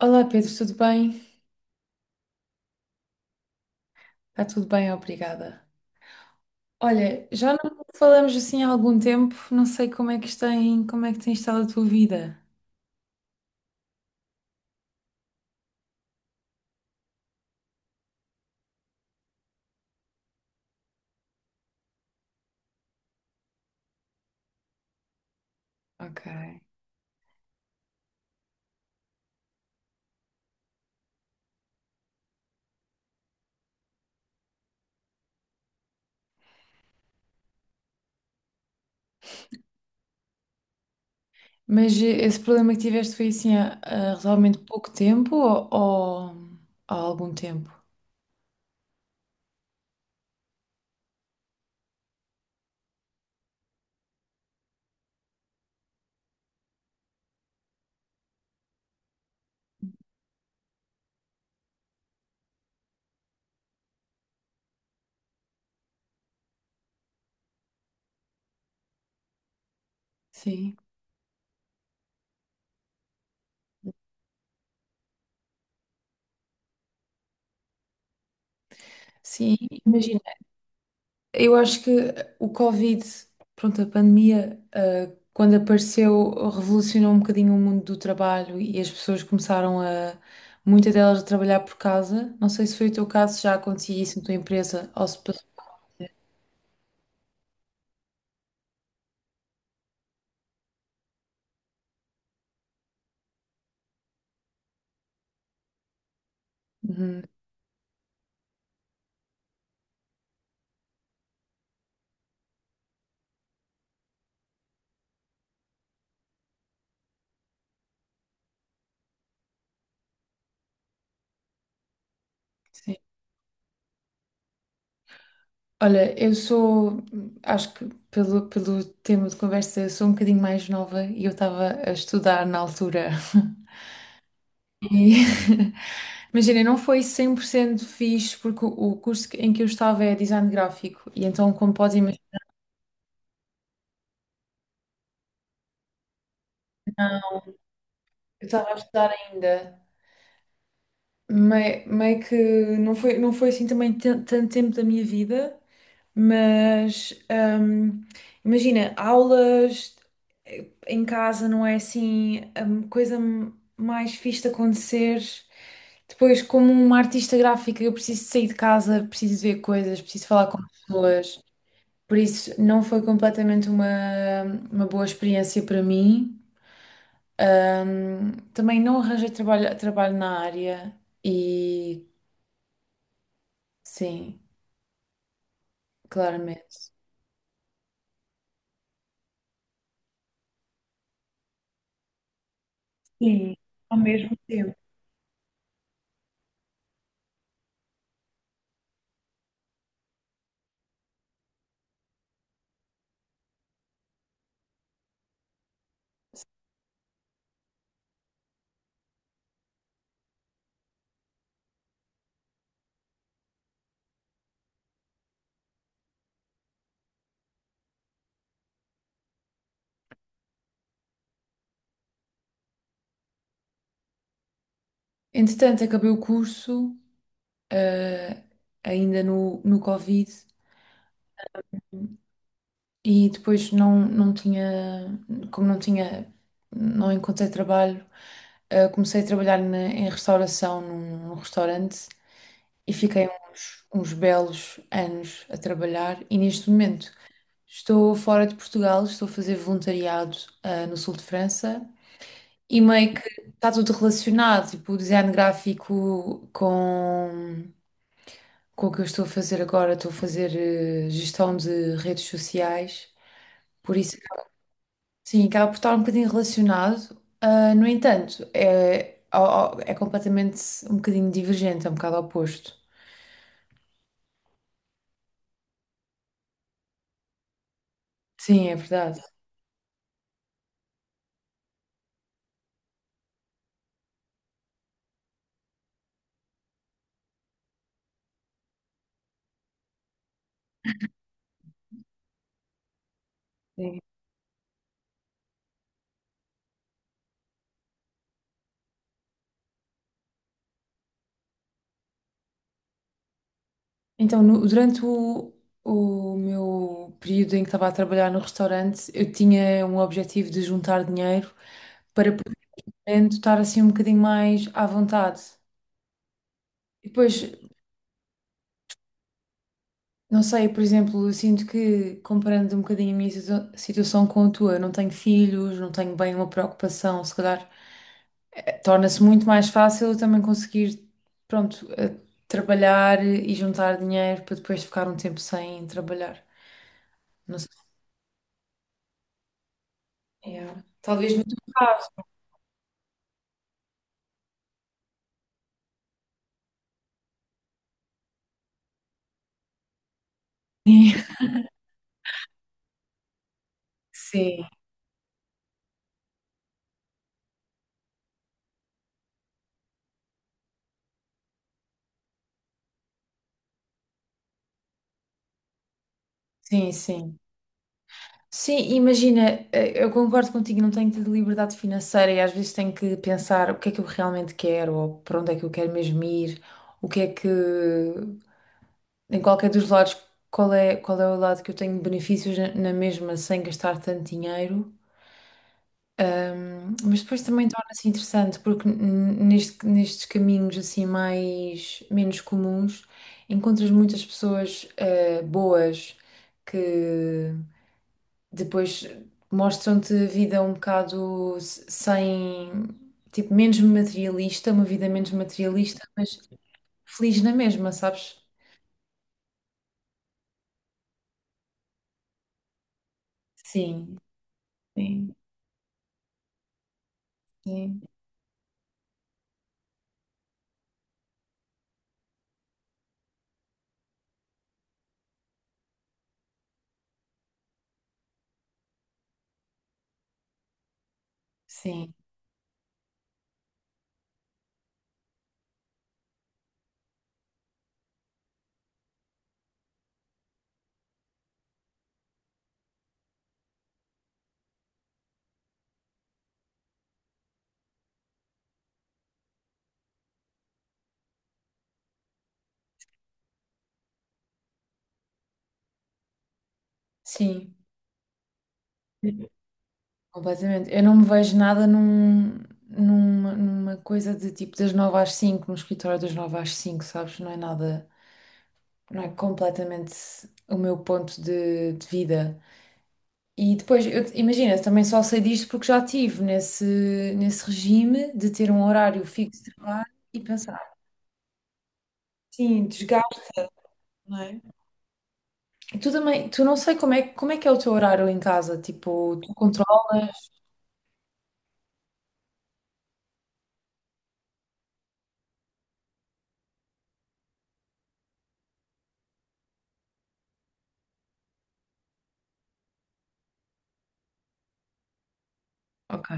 Olá Pedro, tudo bem? Está tudo bem, obrigada. Olha, já não falamos assim há algum tempo, não sei como é que tem estado a tua vida. Ok. Mas esse problema que tiveste foi assim há relativamente pouco tempo ou há algum tempo? Sim. Sim, imagina. Eu acho que o Covid, pronto, a pandemia, quando apareceu, revolucionou um bocadinho o mundo do trabalho e as pessoas começaram a, muitas delas, a trabalhar por casa. Não sei se foi o teu caso, se já acontecia isso na tua empresa ou se passou. Uhum, sim. Olha, eu sou, acho que pelo tema de conversa, eu sou um bocadinho mais nova e eu estava a estudar na altura. E, imagina, não foi 100% fixe porque o em que eu estava é design gráfico e então, como podes imaginar, eu estava a estudar ainda. Meio que não foi assim também tanto tempo da minha vida, mas imagina, aulas em casa não é assim a coisa mais fixe de acontecer. Depois, como uma artista gráfica, eu preciso de sair de casa, preciso de ver coisas, preciso falar com pessoas. Por isso, não foi completamente uma boa experiência para mim. Também não arranjei trabalho na área e sim, claramente. Sim, ao mesmo tempo. Entretanto, acabei o curso, ah, ainda no Covid, e depois não tinha, como não tinha, não encontrei trabalho, ah, comecei a trabalhar em restauração num restaurante. E fiquei uns belos anos a trabalhar e neste momento estou fora de Portugal, estou a fazer voluntariado, ah, no sul de França e meio que está tudo relacionado, tipo o design gráfico com o que eu estou a fazer agora, estou a fazer gestão de redes sociais, por isso acaba- sim, acaba por estar um bocadinho relacionado. Ah, no entanto, é, é completamente um bocadinho divergente, é um bocado oposto. Sim, é verdade. Então, durante o meu período em que estava a trabalhar no restaurante, eu tinha um objetivo de juntar dinheiro para poder estar assim um bocadinho mais à vontade. E depois, não sei, por exemplo, eu sinto que, comparando um bocadinho a minha situação com a tua, não tenho filhos, não tenho bem uma preocupação, se calhar, torna-se muito mais fácil eu também conseguir, pronto, eh, trabalhar e juntar dinheiro para depois ficar um tempo sem trabalhar. Não sei. Yeah. Talvez no teu. Sim, sim, sim. Sim, imagina, eh, eu concordo contigo, não tenho tido liberdade financeira e às vezes tenho que pensar o que é que eu realmente quero, ou para onde é que eu quero mesmo ir, o que é que, em qualquer dos lados, qual é o lado que eu tenho benefícios na mesma sem gastar tanto dinheiro. Mas depois também torna-se interessante, porque nestes caminhos assim mais, menos comuns, encontras muitas pessoas boas que depois mostram-te a vida um bocado sem, tipo, menos materialista, uma vida menos materialista, mas feliz na mesma, sabes? Sim, sim, sim, sim, sim, completamente. Eu não me vejo nada numa coisa de tipo das nove às cinco, no escritório das nove às cinco, sabes? Não é nada, não é completamente o meu ponto de vida. E depois, eu, imagina, também só sei disto porque já estive nesse regime de ter um horário fixo de trabalho e pensar. Sim, desgasta, não é? E tu também, tu não sei como é que é o teu horário em casa, tipo, tu controlas? Ok.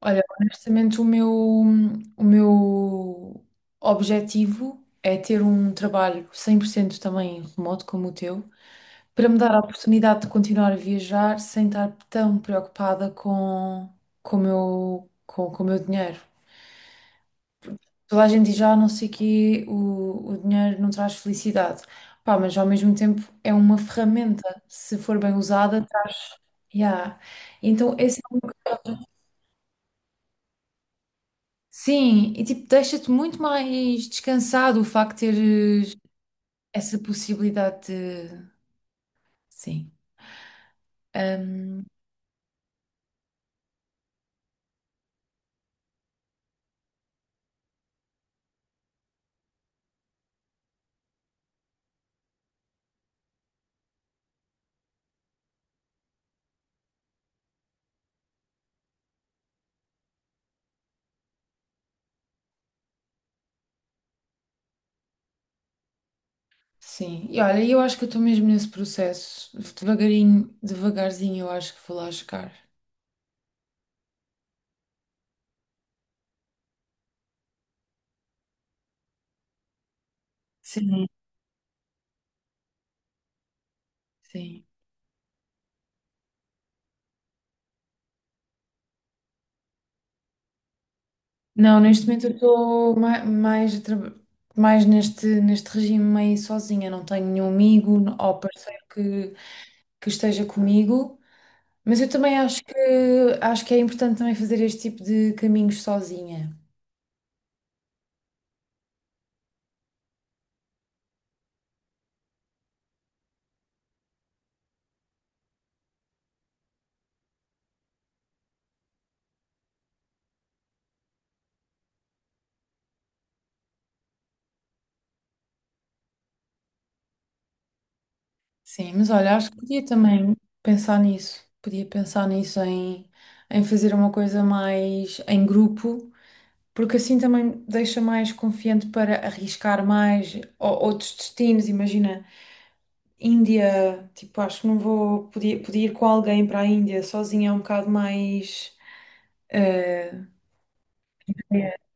Olha, honestamente, o meu objetivo é ter um trabalho 100% também remoto como o teu, para me dar a oportunidade de continuar a viajar sem estar tão preocupada com, com o meu dinheiro. Toda a gente diz, ah, não sei que o dinheiro não traz felicidade. Pá, mas ao mesmo tempo é uma ferramenta, se for bem usada. Yeah. Então, esse. É um sim, e tipo, deixa-te muito mais descansado o facto de teres essa possibilidade de. Sim. Ahm, sim. E olha, eu acho que eu estou mesmo nesse processo. Devagarinho, devagarzinho, eu acho que vou lá chegar. Sim, sim. Não, neste momento eu estou mais, mais neste regime meio sozinha. Não tenho nenhum amigo ou parceiro que esteja comigo. Mas eu também acho que é importante também fazer este tipo de caminhos sozinha. Sim, mas olha, acho que podia também pensar nisso. Podia pensar nisso em, em fazer uma coisa mais em grupo, porque assim também deixa mais confiante para arriscar mais outros destinos. Imagina, Índia, tipo, acho que não vou. Podia ir com alguém para a Índia sozinha, é um bocado mais. Eh, é.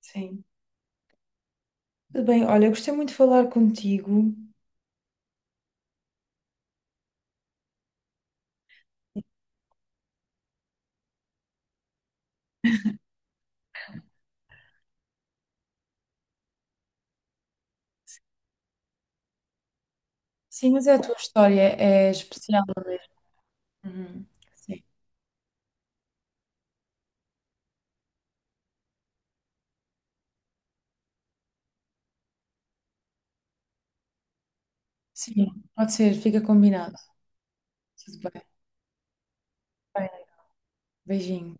Sim. Tudo bem, olha, eu gostei muito de falar contigo. Sim, mas é a tua história é especial, não é? Uhum. Sim. Sim, pode ser, fica combinado. Tudo bem. Bem, beijinho.